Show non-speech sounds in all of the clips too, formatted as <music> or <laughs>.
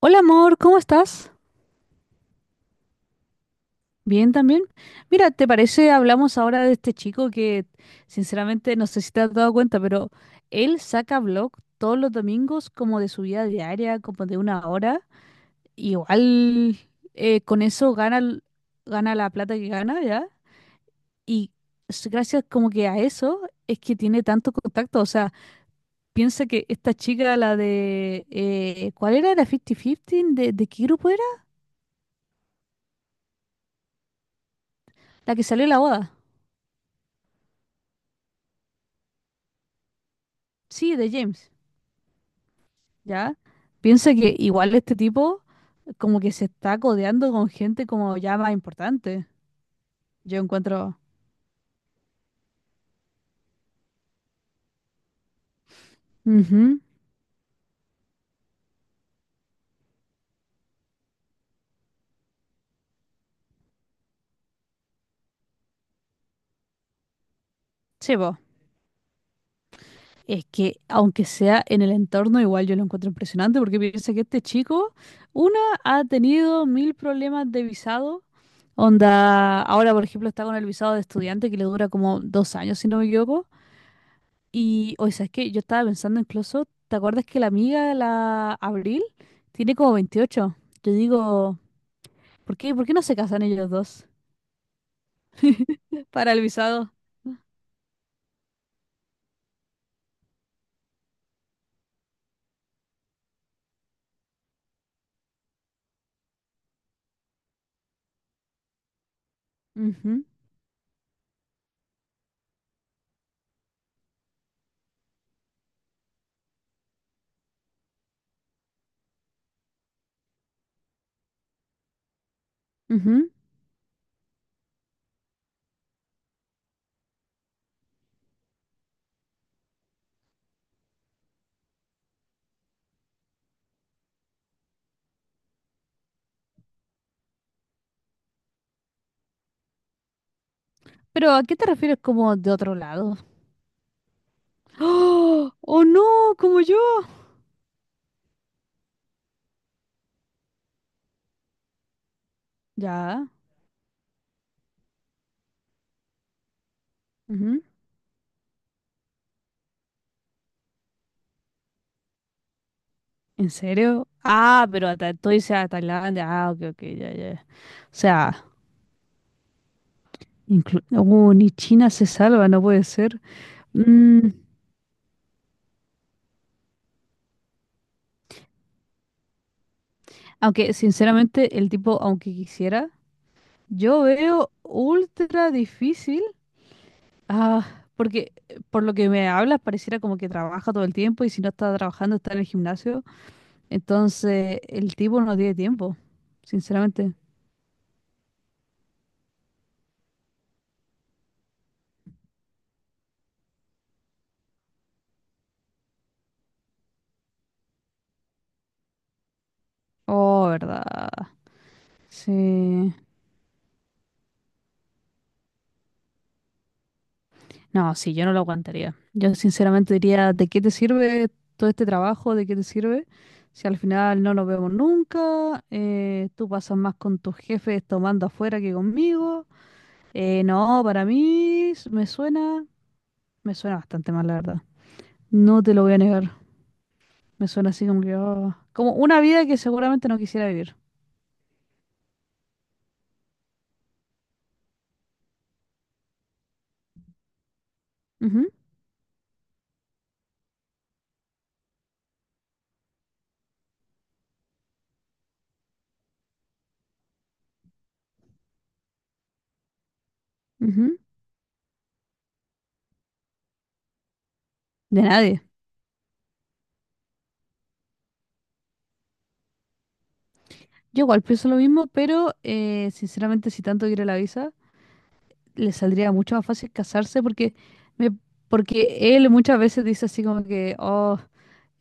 Hola amor, ¿cómo estás? Bien también. Mira, ¿te parece? Hablamos ahora de este chico que sinceramente no sé si te has dado cuenta, pero él saca vlog todos los domingos como de su vida diaria, como de una hora. Igual con eso gana, gana la plata que gana, ¿ya? Y gracias como que a eso es que tiene tanto contacto. O sea, piensa que esta chica, la de, ¿cuál era? ¿La 50-50? ¿De qué grupo era? La que salió en la boda. Sí, de James. ¿Ya? Piensa que igual este tipo como que se está codeando con gente como ya más importante. Yo encuentro. Ujú. Sí, po. Es que aunque sea en el entorno, igual yo lo encuentro impresionante porque piensa que este chico, una, ha tenido mil problemas de visado. Onda, ahora por ejemplo está con el visado de estudiante que le dura como 2 años, si no me equivoco. Y, o sea, es que yo estaba pensando incluso, ¿te acuerdas que la amiga, la Abril, tiene como 28? Yo digo. ¿Por qué? ¿Por qué no se casan ellos dos? Para el visado. Ujú, ujú. Pero ¿a qué te refieres como de otro lado? <gasps> ¡Oh! ¡Oh no! ¡Como yo! Ya. Ujú. ¿En serio? Ah, pero hasta tú dices a Tailandia. Ah, ok, ok, ya, ya. O sea, ni China se salva, no puede ser. Mm, aunque, sinceramente, el tipo, aunque quisiera, yo veo ultra difícil. Ah, porque por lo que me hablas pareciera como que trabaja todo el tiempo y si no está trabajando está en el gimnasio. Entonces el tipo no tiene tiempo, sinceramente. Oh, verdad. Sí. No, sí, yo no lo aguantaría. Yo sinceramente diría, ¿de qué te sirve todo este trabajo? ¿De qué te sirve? Si al final no nos vemos nunca, tú pasas más con tus jefes tomando afuera que conmigo. No, para mí me suena bastante mal, la verdad. No te lo voy a negar. Me suena así como que, oh, como una vida que seguramente no quisiera vivir. Ujú, ujú. De nadie. Yo igual pienso lo mismo, pero sinceramente si tanto quiere la visa, le saldría mucho más fácil casarse me, porque él muchas veces dice así como que, oh,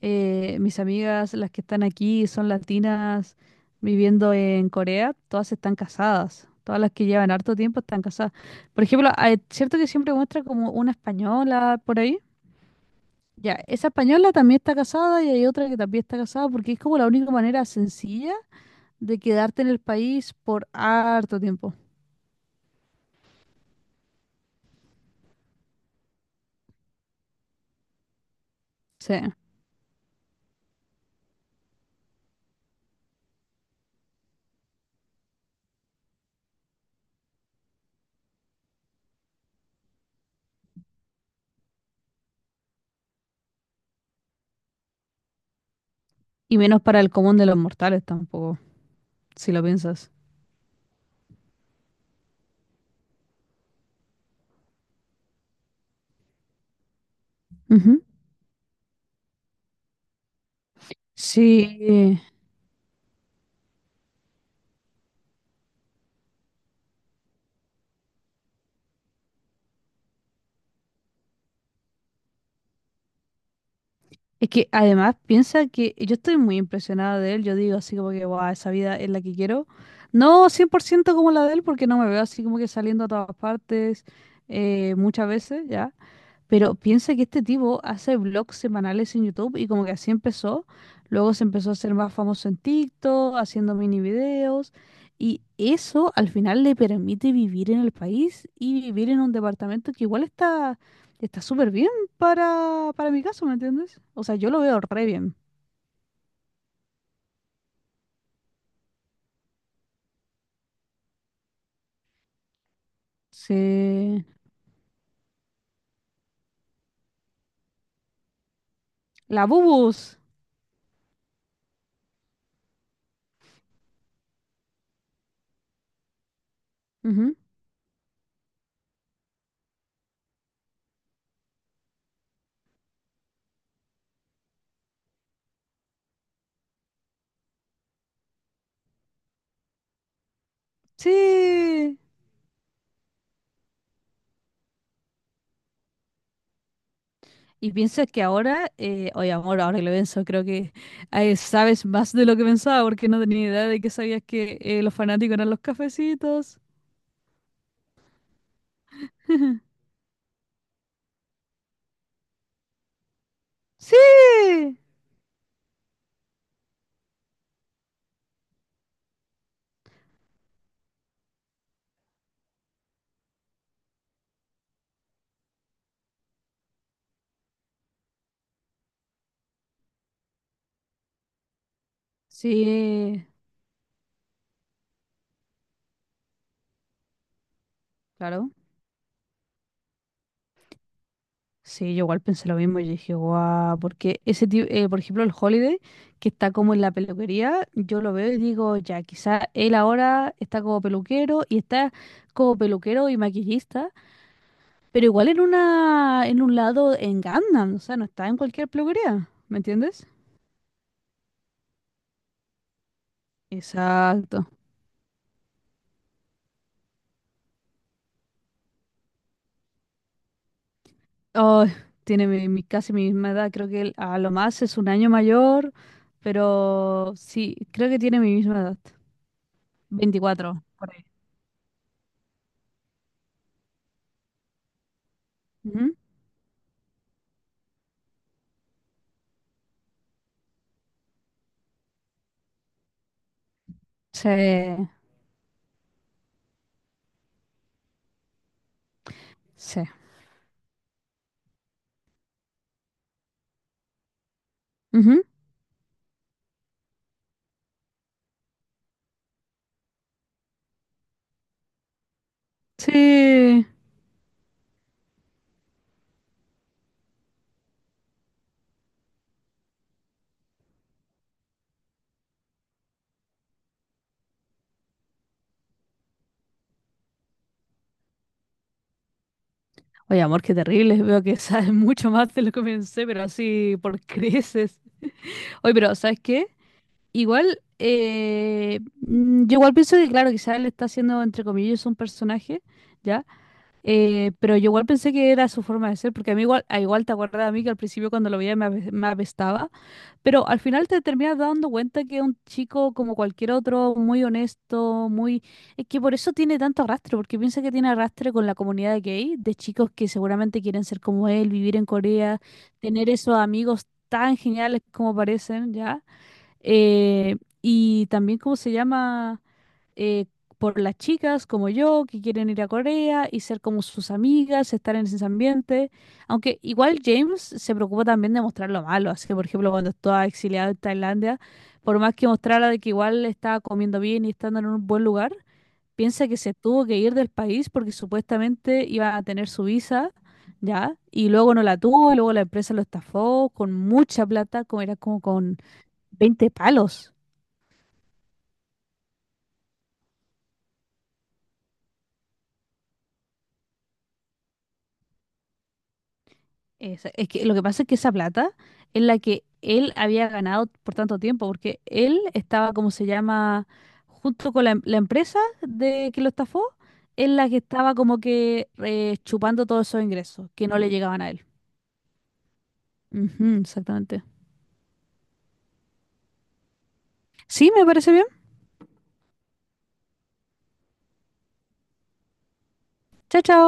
mis amigas, las que están aquí, son latinas viviendo en Corea, todas están casadas. Todas las que llevan harto tiempo están casadas. Por ejemplo, ah, es cierto que siempre muestra como una española por ahí. Ya, esa española también está casada y hay otra que también está casada porque es como la única manera sencilla de quedarte en el país por harto tiempo. Sí. Y menos para el común de los mortales tampoco, si lo piensas. Ujú. Sí. Es que además piensa que yo estoy muy impresionada de él. Yo digo así como que, wow, esa vida es la que quiero. No 100% como la de él porque no me veo así como que saliendo a todas partes muchas veces, ya. Pero piensa que este tipo hace vlogs semanales en YouTube y como que así empezó. Luego se empezó a hacer más famoso en TikTok, haciendo mini videos. Y eso al final le permite vivir en el país y vivir en un departamento que igual está súper bien para, mi caso, ¿me entiendes? O sea, yo lo veo re bien. Sí. La Bubus. Ujú. Sí. Y piensas que ahora, oye amor, ahora que lo pienso, creo que sabes más de lo que pensaba porque no tenía idea de que sabías que los fanáticos eran los cafecitos. Sí, sí, claro. Sí, yo igual pensé lo mismo. Yo dije, guau, porque ese tipo, por ejemplo, el Holiday, que está como en la peluquería, yo lo veo y digo, ya, quizá él ahora está como peluquero y está como peluquero y maquillista. Pero igual en un lado en Gangnam, o sea, no está en cualquier peluquería, ¿me entiendes? Exacto. Oh, tiene casi mi misma edad, creo que él a lo más es un año mayor, pero sí, creo que tiene mi misma edad. 24 por ahí. Ujú. Sí, sí. Ujú. Sí. Oye, amor, qué terrible. <laughs> Veo que sabes mucho más de lo que pensé, pero así por creces. Oye, pero ¿sabes qué? Igual, yo igual pienso que, claro, quizás le está haciendo, entre comillas, un personaje, ¿Ya? Pero yo igual pensé que era su forma de ser, porque a mí igual, a igual te acuerdas a mí que al principio cuando lo veía me apestaba, pero al final te terminas dando cuenta que es un chico como cualquier otro, muy honesto, muy. Es que por eso tiene tanto arrastre, porque piensa que tiene arrastre con la comunidad gay, de chicos que seguramente quieren ser como él, vivir en Corea, tener esos amigos tan geniales como parecen, ¿ya? Eh, y también, ¿cómo se llama? eh, por las chicas como yo que quieren ir a Corea y ser como sus amigas, estar en ese ambiente. Aunque igual James se preocupa también de mostrar lo malo. Así que, por ejemplo, cuando estaba exiliado en Tailandia, por más que mostrara de que igual estaba comiendo bien y estando en un buen lugar, piensa que se tuvo que ir del país porque supuestamente iba a tener su visa. ¿Ya? Y luego no la tuvo, y luego la empresa lo estafó con mucha plata, como era como con veinte palos. Es que lo que pasa es que esa plata es la que él había ganado por tanto tiempo, porque él estaba, como se llama, junto con la empresa de que lo estafó, es la que estaba como que chupando todos esos ingresos que no le llegaban a él. Ujú, exactamente. Sí, me parece bien. Chao, chao.